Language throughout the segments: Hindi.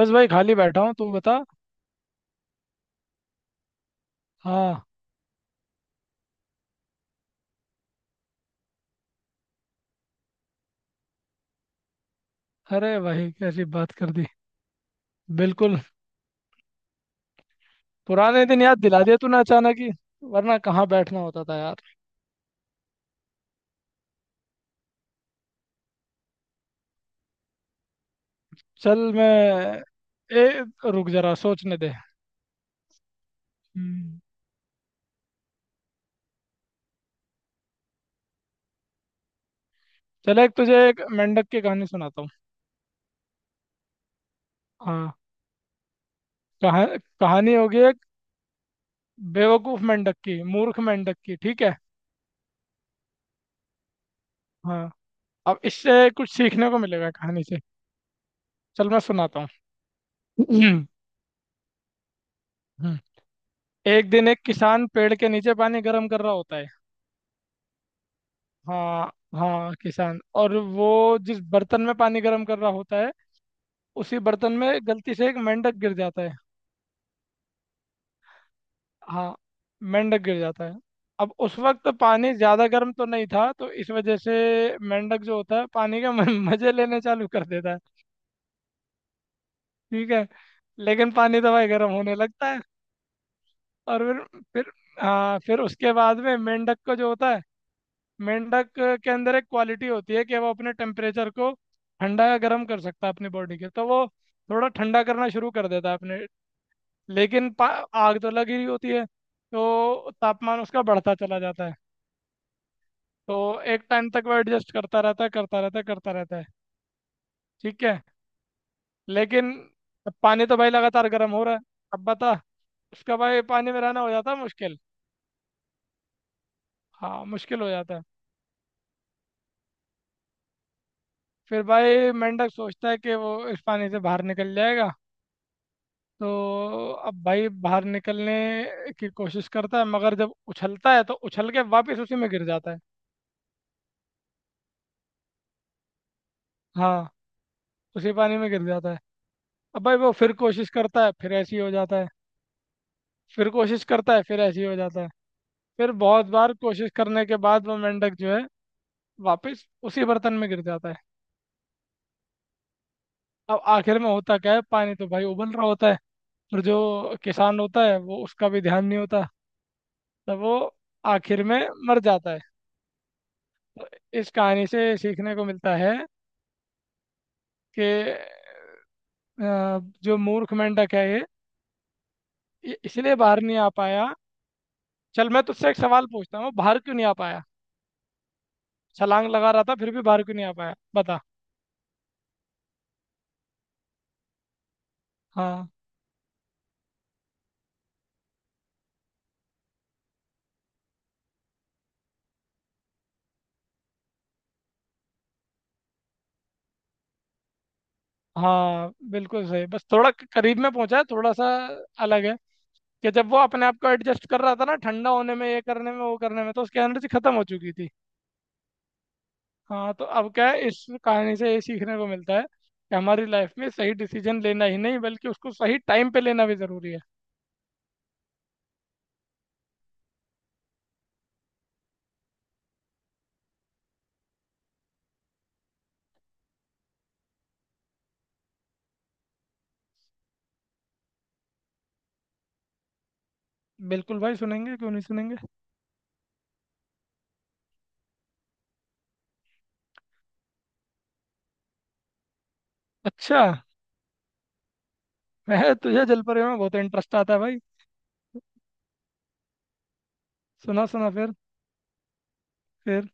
बस भाई खाली बैठा हूँ, तू बता। हाँ। अरे भाई कैसी बात कर दी। बिल्कुल। पुराने दिन याद दिला दिया तूने अचानक ही। वरना कहाँ बैठना होता था यार। चल मैं, ए, रुक जरा सोचने दे। हम्म, चल एक तुझे एक मेंढक की कहानी सुनाता हूँ। हाँ। कहा, कहानी होगी एक बेवकूफ मेंढक की, मूर्ख मेंढक की। ठीक है। हाँ। अब इससे कुछ सीखने को मिलेगा कहानी से। चल मैं सुनाता हूँ। हम्म, एक दिन एक किसान पेड़ के नीचे पानी गर्म कर रहा होता है। हाँ। हाँ किसान, और वो जिस बर्तन में पानी गर्म कर रहा होता है उसी बर्तन में गलती से एक मेंढक गिर जाता है। हाँ, मेंढक गिर जाता है। अब उस वक्त पानी ज़्यादा गर्म तो नहीं था, तो इस वजह से मेंढक जो होता है पानी के मजे लेने चालू कर देता है। ठीक है। लेकिन पानी तो भाई गर्म होने लगता है। और फिर, फिर हाँ फिर उसके बाद में मेंढक को जो होता है, मेंढक के अंदर एक क्वालिटी होती है कि वो अपने टेम्परेचर को ठंडा या गर्म कर सकता है अपनी बॉडी के, तो वो थोड़ा ठंडा करना शुरू कर देता है अपने। लेकिन आग तो लगी रही होती है तो तापमान उसका बढ़ता चला जाता है। तो एक टाइम तक वो एडजस्ट करता रहता है, करता रहता है, करता रहता है। ठीक है। लेकिन अब पानी तो भाई लगातार गर्म हो रहा है। अब बता, उसका भाई पानी में रहना हो जाता है मुश्किल। हाँ, मुश्किल हो जाता है। फिर भाई मेंढक सोचता है कि वो इस पानी से बाहर निकल जाएगा। तो अब भाई बाहर निकलने की कोशिश करता है, मगर जब उछलता है तो उछल के वापस उसी में गिर जाता है। हाँ, उसी पानी में गिर जाता है। अब भाई वो फिर कोशिश करता है, फिर ऐसे ही हो जाता है। फिर कोशिश करता है, फिर ऐसे ही हो जाता है। फिर बहुत बार कोशिश करने के बाद वो मेंढक जो है, वापस उसी बर्तन में गिर जाता है। अब आखिर में होता क्या है, पानी तो भाई उबल रहा होता है और जो किसान होता है वो उसका भी ध्यान नहीं होता। तो वो आखिर में मर जाता है। तो इस कहानी से सीखने को मिलता है कि जो मूर्ख मेंढक है ये इसलिए बाहर नहीं आ पाया। चल मैं तुझसे एक सवाल पूछता हूँ, बाहर क्यों नहीं आ पाया? छलांग लगा रहा था फिर भी बाहर क्यों नहीं आ पाया, बता। हाँ, हाँ बिल्कुल सही। बस थोड़ा करीब में पहुंचा है, थोड़ा सा अलग है। कि जब वो अपने आप को एडजस्ट कर रहा था ना, ठंडा होने में, ये करने में, वो करने में, तो उसकी एनर्जी खत्म हो चुकी थी। हाँ। तो अब क्या है, इस कहानी से ये सीखने को मिलता है कि हमारी लाइफ में सही डिसीजन लेना ही नहीं बल्कि उसको सही टाइम पे लेना भी जरूरी है। बिल्कुल भाई, सुनेंगे क्यों नहीं सुनेंगे। अच्छा, मैं तुझे जलपरी में बहुत इंटरेस्ट आता है भाई। सुना सुना फिर। फिर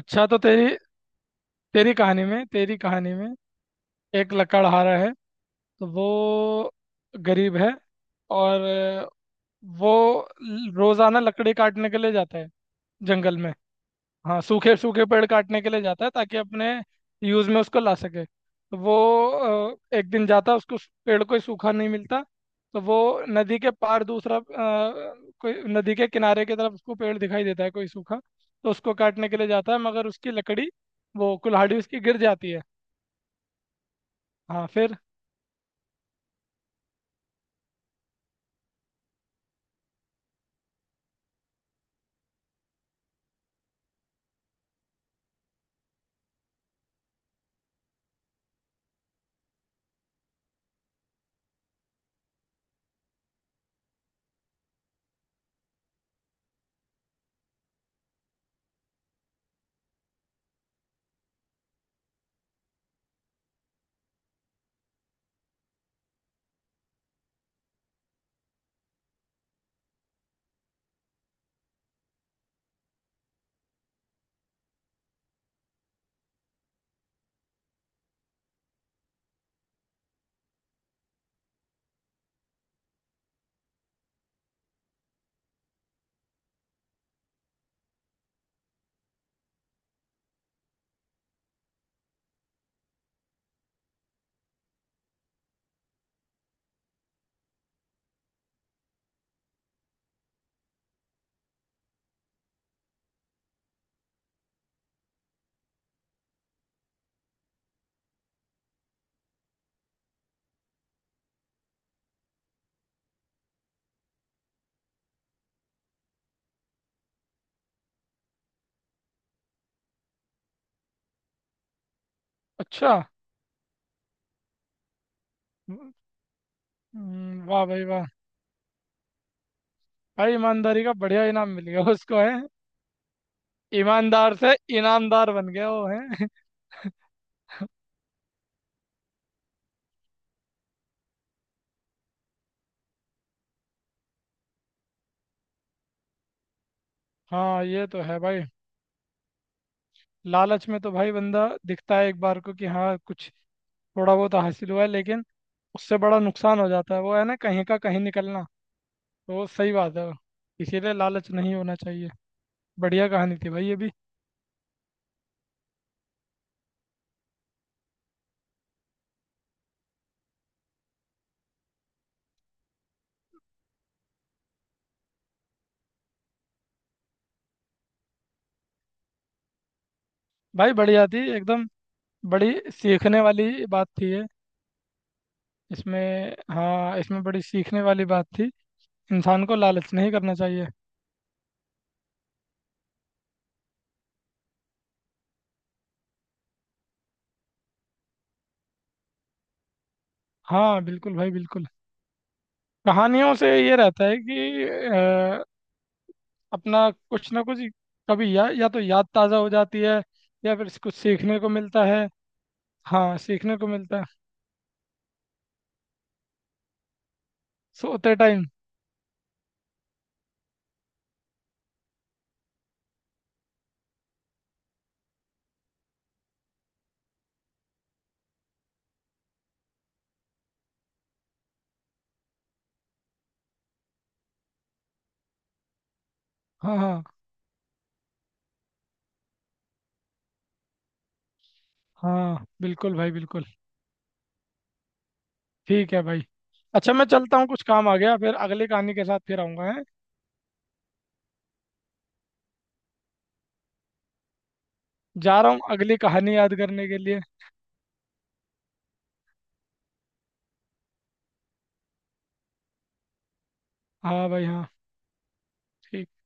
अच्छा। तो तेरी तेरी कहानी में एक लकड़हारा है। तो वो गरीब है। और वो रोजाना लकड़ी काटने के लिए जाता है जंगल में। हाँ, सूखे सूखे पेड़ काटने के लिए जाता है ताकि अपने यूज में उसको ला सके। तो वो एक दिन जाता, उसको उस पेड़ कोई सूखा नहीं मिलता। तो वो नदी के पार दूसरा, कोई नदी के किनारे की तरफ उसको पेड़ दिखाई देता है कोई सूखा। तो उसको काटने के लिए जाता है, मगर उसकी लकड़ी, वो कुल्हाड़ी उसकी गिर जाती है। हाँ फिर। अच्छा। वाह भाई वाह। भाई ईमानदारी का बढ़िया इनाम मिल गया उसको है। ईमानदार से ईनामदार बन गया वो है। हाँ, ये तो है भाई। लालच में तो भाई बंदा दिखता है एक बार को कि हाँ कुछ थोड़ा बहुत हासिल हुआ है, लेकिन उससे बड़ा नुकसान हो जाता है, वो है ना, कहीं का कहीं निकलना। तो सही बात है वो। इसीलिए लालच नहीं होना चाहिए। बढ़िया कहानी थी भाई ये भी। भाई बढ़िया थी एकदम। बड़ी सीखने वाली बात थी ये। इसमें, हाँ, इसमें बड़ी सीखने वाली बात थी। इंसान को लालच नहीं करना चाहिए। हाँ बिल्कुल भाई, बिल्कुल। कहानियों से ये रहता है कि अपना कुछ ना कुछ कभी या तो याद ताज़ा हो जाती है या फिर कुछ सीखने को मिलता है। हाँ, सीखने को मिलता है, सोते टाइम। हाँ, हाँ। हाँ बिल्कुल भाई, बिल्कुल। ठीक है भाई। अच्छा, मैं चलता हूँ, कुछ काम आ गया, फिर अगली कहानी के साथ फिर आऊँगा है। जा रहा हूँ अगली कहानी याद करने के लिए। हाँ भाई हाँ। ठीक